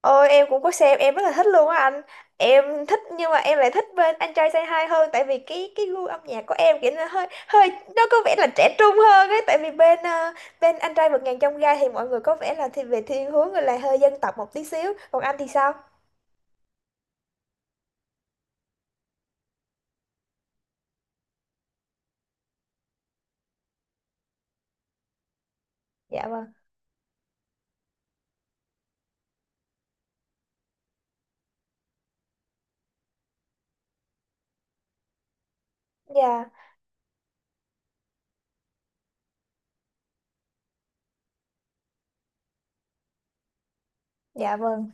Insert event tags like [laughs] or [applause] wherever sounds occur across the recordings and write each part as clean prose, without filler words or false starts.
Ôi em cũng có xem, em rất là thích luôn á anh. Em thích nhưng mà em lại thích bên anh trai Say Hi hơn, tại vì cái gu âm nhạc của em kiểu nó hơi hơi nó có vẻ là trẻ trung hơn ấy. Tại vì bên bên anh trai vượt ngàn chông gai thì mọi người có vẻ là thì về thiên hướng là hơi dân tộc một tí xíu. Còn anh thì sao? Dạ vâng. Dạ. Dạ vâng.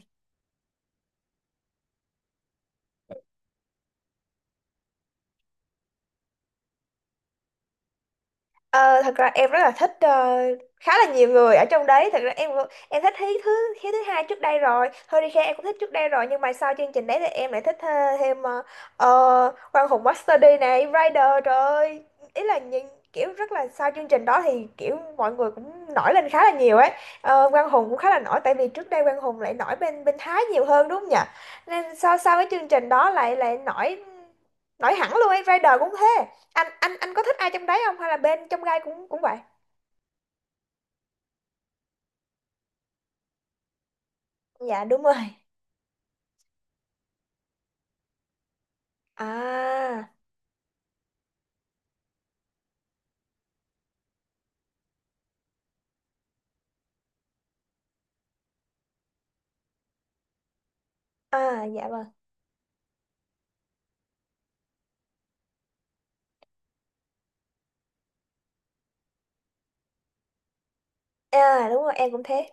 Ờ, Thật ra em rất là thích khá là nhiều người ở trong đấy. Thật ra em thích Hiếu thứ hai trước đây rồi, Hurricane em cũng thích trước đây rồi, nhưng mà sau chương trình đấy thì em lại thích thêm Quang Hùng Master D này, Rider, trời ơi. Ý là những kiểu rất là sau chương trình đó thì kiểu mọi người cũng nổi lên khá là nhiều ấy. Quang Hùng cũng khá là nổi, tại vì trước đây Quang Hùng lại nổi bên bên Thái nhiều hơn đúng không nhỉ? Nên sau sau cái chương trình đó lại lại nổi, nổi hẳn luôn ấy. Rider cũng thế. Anh có thích ai trong đấy không hay là bên trong gai cũng cũng vậy? Dạ đúng rồi. À. À dạ vâng. À đúng rồi, em cũng thế.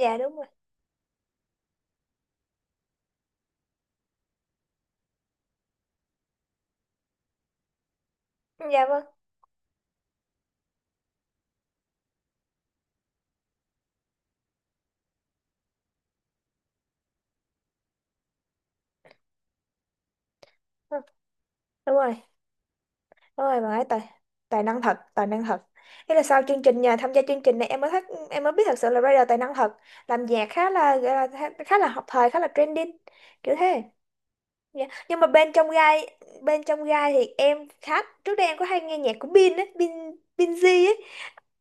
Dạ đúng rồi. Dạ vâng. Ừ, đúng rồi, đúng rồi, bạn ấy tài, tài năng thật, tài năng thật. Thế là sau chương trình nhà tham gia chương trình này em mới thích, em mới biết thật sự là Rider tài năng thật, làm nhạc khá là gọi là khá khá là hợp thời, khá là trending, kiểu thế. Dạ. Nhưng mà bên trong gai, bên trong gai thì em khá trước đây em có hay nghe nhạc của Bin á Bin Binz.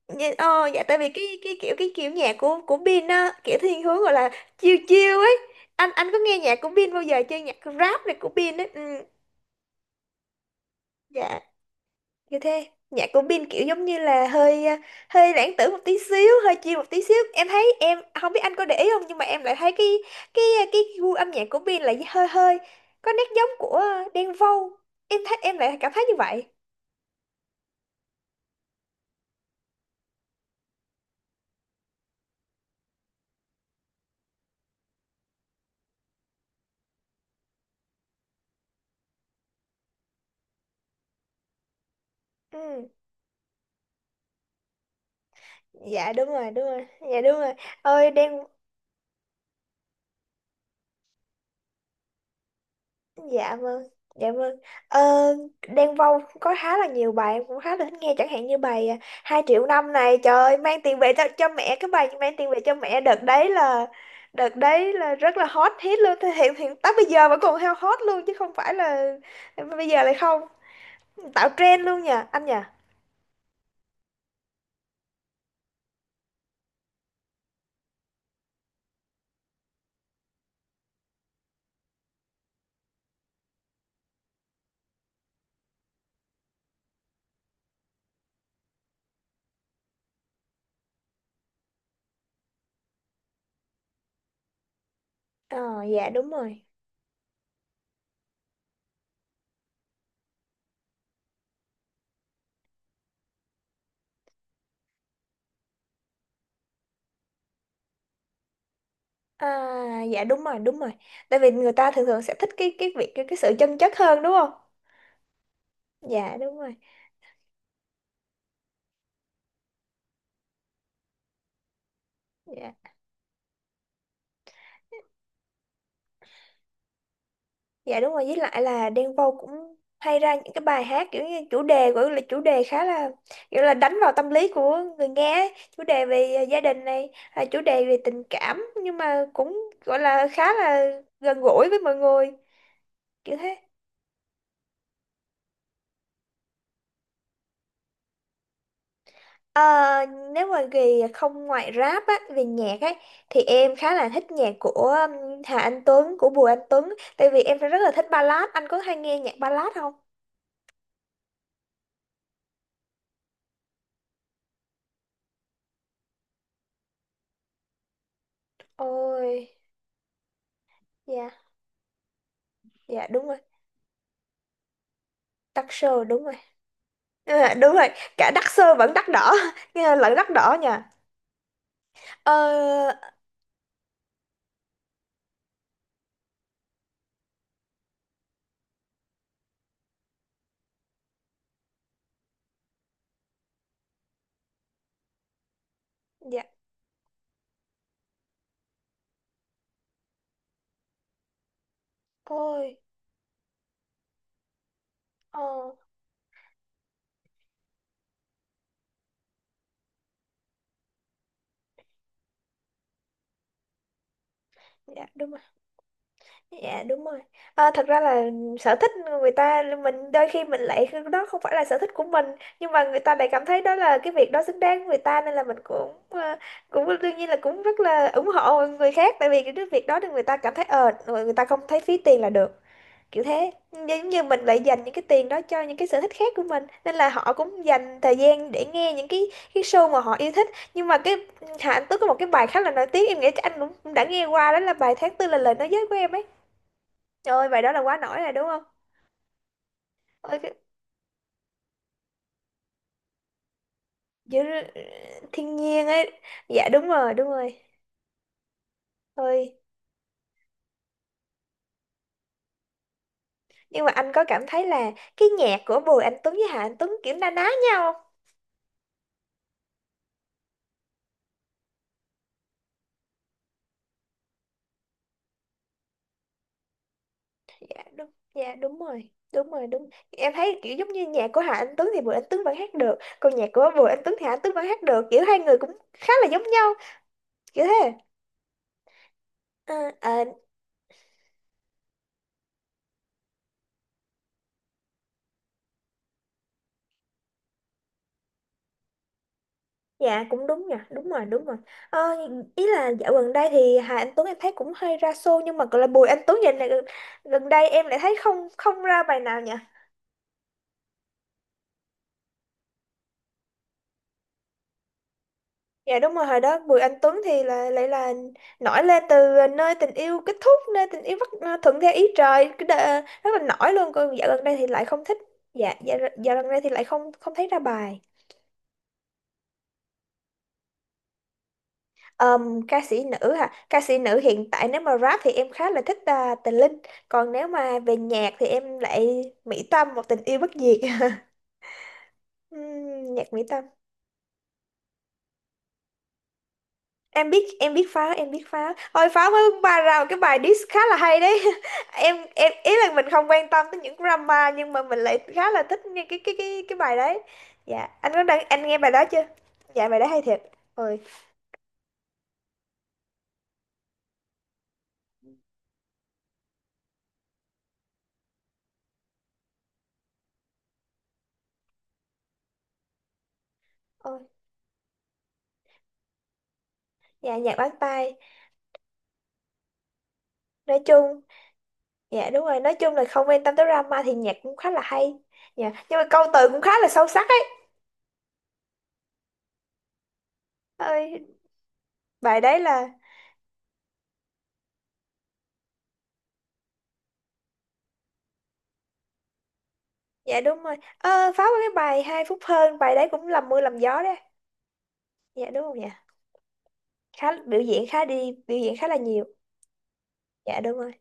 Dạ, dạ tại vì cái kiểu cái kiểu nhạc của Bin á kiểu thiên hướng gọi là chill chill ấy. Anh có nghe nhạc của Bin bao giờ chưa, nhạc rap này của Bin ấy? Ừ, dạ. Như thế nhạc của Bin kiểu giống như là hơi à, hơi lãng tử một tí xíu, hơi chill một tí xíu, em thấy em không biết anh có để ý không, nhưng mà em lại thấy cái cái gu âm nhạc của Bin là hơi hơi có nét giống của à, Đen Vâu. Em thấy em lại cảm thấy như vậy. Ừ, dạ đúng rồi đúng rồi. Dạ đúng rồi. Ôi Đen. Dạ vâng. Dạ vâng. ờ, Đen Vâu cũng có khá là nhiều bài em cũng khá là thích nghe, chẳng hạn như bài à, hai triệu năm này, trời ơi, mang tiền về cho, mẹ, cái bài mang tiền về cho mẹ đợt đấy là, đợt đấy là rất là hot hit luôn. Thế hiện hiện tới bây giờ vẫn còn heo hot luôn chứ không phải là bây giờ lại không, tạo trend luôn nha anh nhỉ. Ờ. Dạ đúng rồi. À dạ đúng rồi đúng rồi. Tại vì người ta thường thường sẽ thích cái việc cái sự chân chất hơn đúng không. Dạ đúng rồi. Dạ. Dạ đúng rồi, với lại là Đen Vâu cũng hay ra những cái bài hát kiểu như chủ đề gọi là chủ đề khá là kiểu là đánh vào tâm lý của người nghe ấy. Chủ đề về gia đình này, à, chủ đề về tình cảm nhưng mà cũng gọi là khá là gần gũi với mọi người, kiểu thế. Ờ, Nếu mà về không ngoại rap á về nhạc ấy thì em khá là thích nhạc của Hà Anh Tuấn, của Bùi Anh Tuấn, tại vì em rất là thích ballad. Anh có hay nghe nhạc ballad không? Ôi. Dạ. Dạ đúng rồi. Tắc sơ đúng rồi. À, đúng rồi, cả đắt xơ vẫn đắt đỏ [laughs] nghe lẫn đắt đỏ nha. Ờ. Dạ. Ôi. Ờ. Dạ đúng rồi. Dạ đúng rồi. Thật ra là sở thích người ta, mình đôi khi mình lại, đó không phải là sở thích của mình nhưng mà người ta lại cảm thấy đó là cái việc đó xứng đáng với người ta, nên là mình cũng cũng đương nhiên là cũng rất là ủng hộ người khác, tại vì cái việc đó thì người ta cảm thấy ờ người ta không thấy phí tiền là được, kiểu thế. Giống như mình lại dành những cái tiền đó cho những cái sở thích khác của mình, nên là họ cũng dành thời gian để nghe những cái show mà họ yêu thích. Nhưng mà cái Hà Anh Tuấn có một cái bài khá là nổi tiếng, em nghĩ chắc anh cũng cũng đã nghe qua, đó là bài tháng tư là lời nói dối của em ấy. Trời ơi bài đó là quá nổi rồi đúng không? Ôi cái giữa thiên nhiên ấy. Dạ đúng rồi đúng rồi. Thôi nhưng mà anh có cảm thấy là cái nhạc của Bùi Anh Tuấn với Hà Anh Tuấn kiểu na ná nhau? Dạ đúng, dạ đúng rồi, đúng rồi, đúng, em thấy kiểu giống như nhạc của Hà Anh Tuấn thì Bùi Anh Tuấn vẫn hát được, còn nhạc của Bùi Anh Tuấn thì Hà Anh Tuấn vẫn hát được, kiểu hai người cũng khá là giống nhau, kiểu thế. À, à. Dạ cũng đúng nhỉ, đúng rồi đúng rồi. Ờ, Ý là dạo gần đây thì Hà Anh Tuấn em thấy cũng hơi ra xô, nhưng mà gọi là Bùi Anh Tuấn dạo này gần gần đây em lại thấy không, không ra bài nào nhỉ. Dạ đúng rồi, hồi đó Bùi Anh Tuấn thì là lại là nổi lên từ nơi tình yêu kết thúc, nơi tình yêu bắt à, thuận theo ý trời, rất là nổi luôn. Còn dạo gần đây thì lại không thích. Dạ dạo, dạo gần đây thì lại không, không thấy ra bài. Ca sĩ nữ hả? Ca sĩ nữ hiện tại nếu mà rap thì em khá là thích à, Tình Linh, còn nếu mà về nhạc thì em lại Mỹ Tâm, một tình yêu bất diệt. [laughs] Nhạc Mỹ Tâm. Em biết, em biết pháo, em biết pháo thôi. Pháo mới ra một cái bài diss khá là hay đấy. [laughs] Em ý là mình không quan tâm tới những drama nhưng mà mình lại khá là thích nghe cái bài đấy. Dạ anh có đang anh nghe bài đó chưa? Dạ bài đó hay thiệt. Ôi. Ôi. Dạ nhạc bắt tai. Nói chung. Dạ đúng rồi, nói chung là không quan tâm tới drama thì nhạc cũng khá là hay. Dạ nhưng mà câu từ cũng khá là sâu sắc ấy. Ơi bài đấy là. Dạ đúng rồi. Ờ pháo có cái bài hai phút hơn, bài đấy cũng làm mưa làm gió đấy. Dạ đúng không nhỉ? Khá biểu diễn khá đi biểu diễn khá là nhiều. Dạ đúng rồi.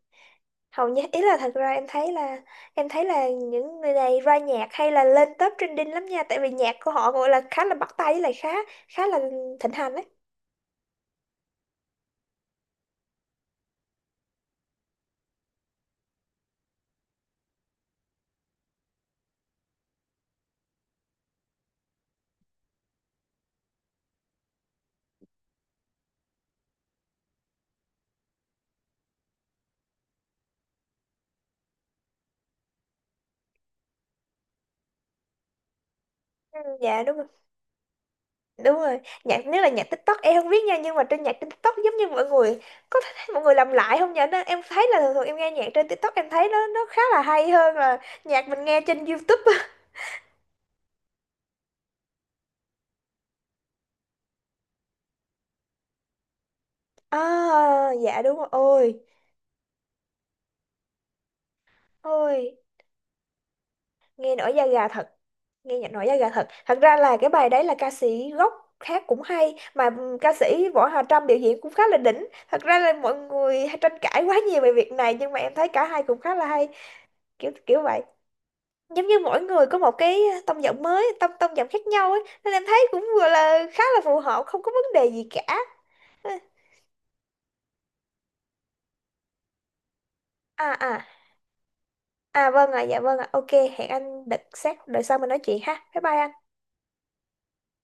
Hầu như ý là thật ra em thấy là những người này ra nhạc hay là lên top trending lắm nha, tại vì nhạc của họ gọi là khá là bắt tai với lại khá, khá là thịnh hành đấy. Ừ, dạ đúng rồi đúng rồi. Nhạc nếu là nhạc TikTok em không biết nha, nhưng mà trên nhạc trên TikTok giống như mọi người có thấy mọi người làm lại không nhỉ? Nó- em thấy là thường thường em nghe nhạc trên TikTok em thấy nó khá là hay hơn là nhạc mình nghe trên YouTube. [laughs] À dạ đúng rồi. Ôi. Ôi nghe nổi da gà thật, nghe nhạc nổi da gà thật. Thật ra là cái bài đấy là ca sĩ gốc khác cũng hay mà, ca sĩ Võ Hà Trâm biểu diễn cũng khá là đỉnh. Thật ra là mọi người hay tranh cãi quá nhiều về việc này nhưng mà em thấy cả hai cũng khá là hay, kiểu kiểu vậy. Giống như mỗi người có một cái tông giọng khác nhau ấy, nên em thấy cũng vừa là khá là phù hợp, không có vấn đề gì cả. À. À. À vâng ạ. Dạ vâng ạ. OK. Hẹn anh đợt sát đợi sau mình nói chuyện ha. Bye bye anh.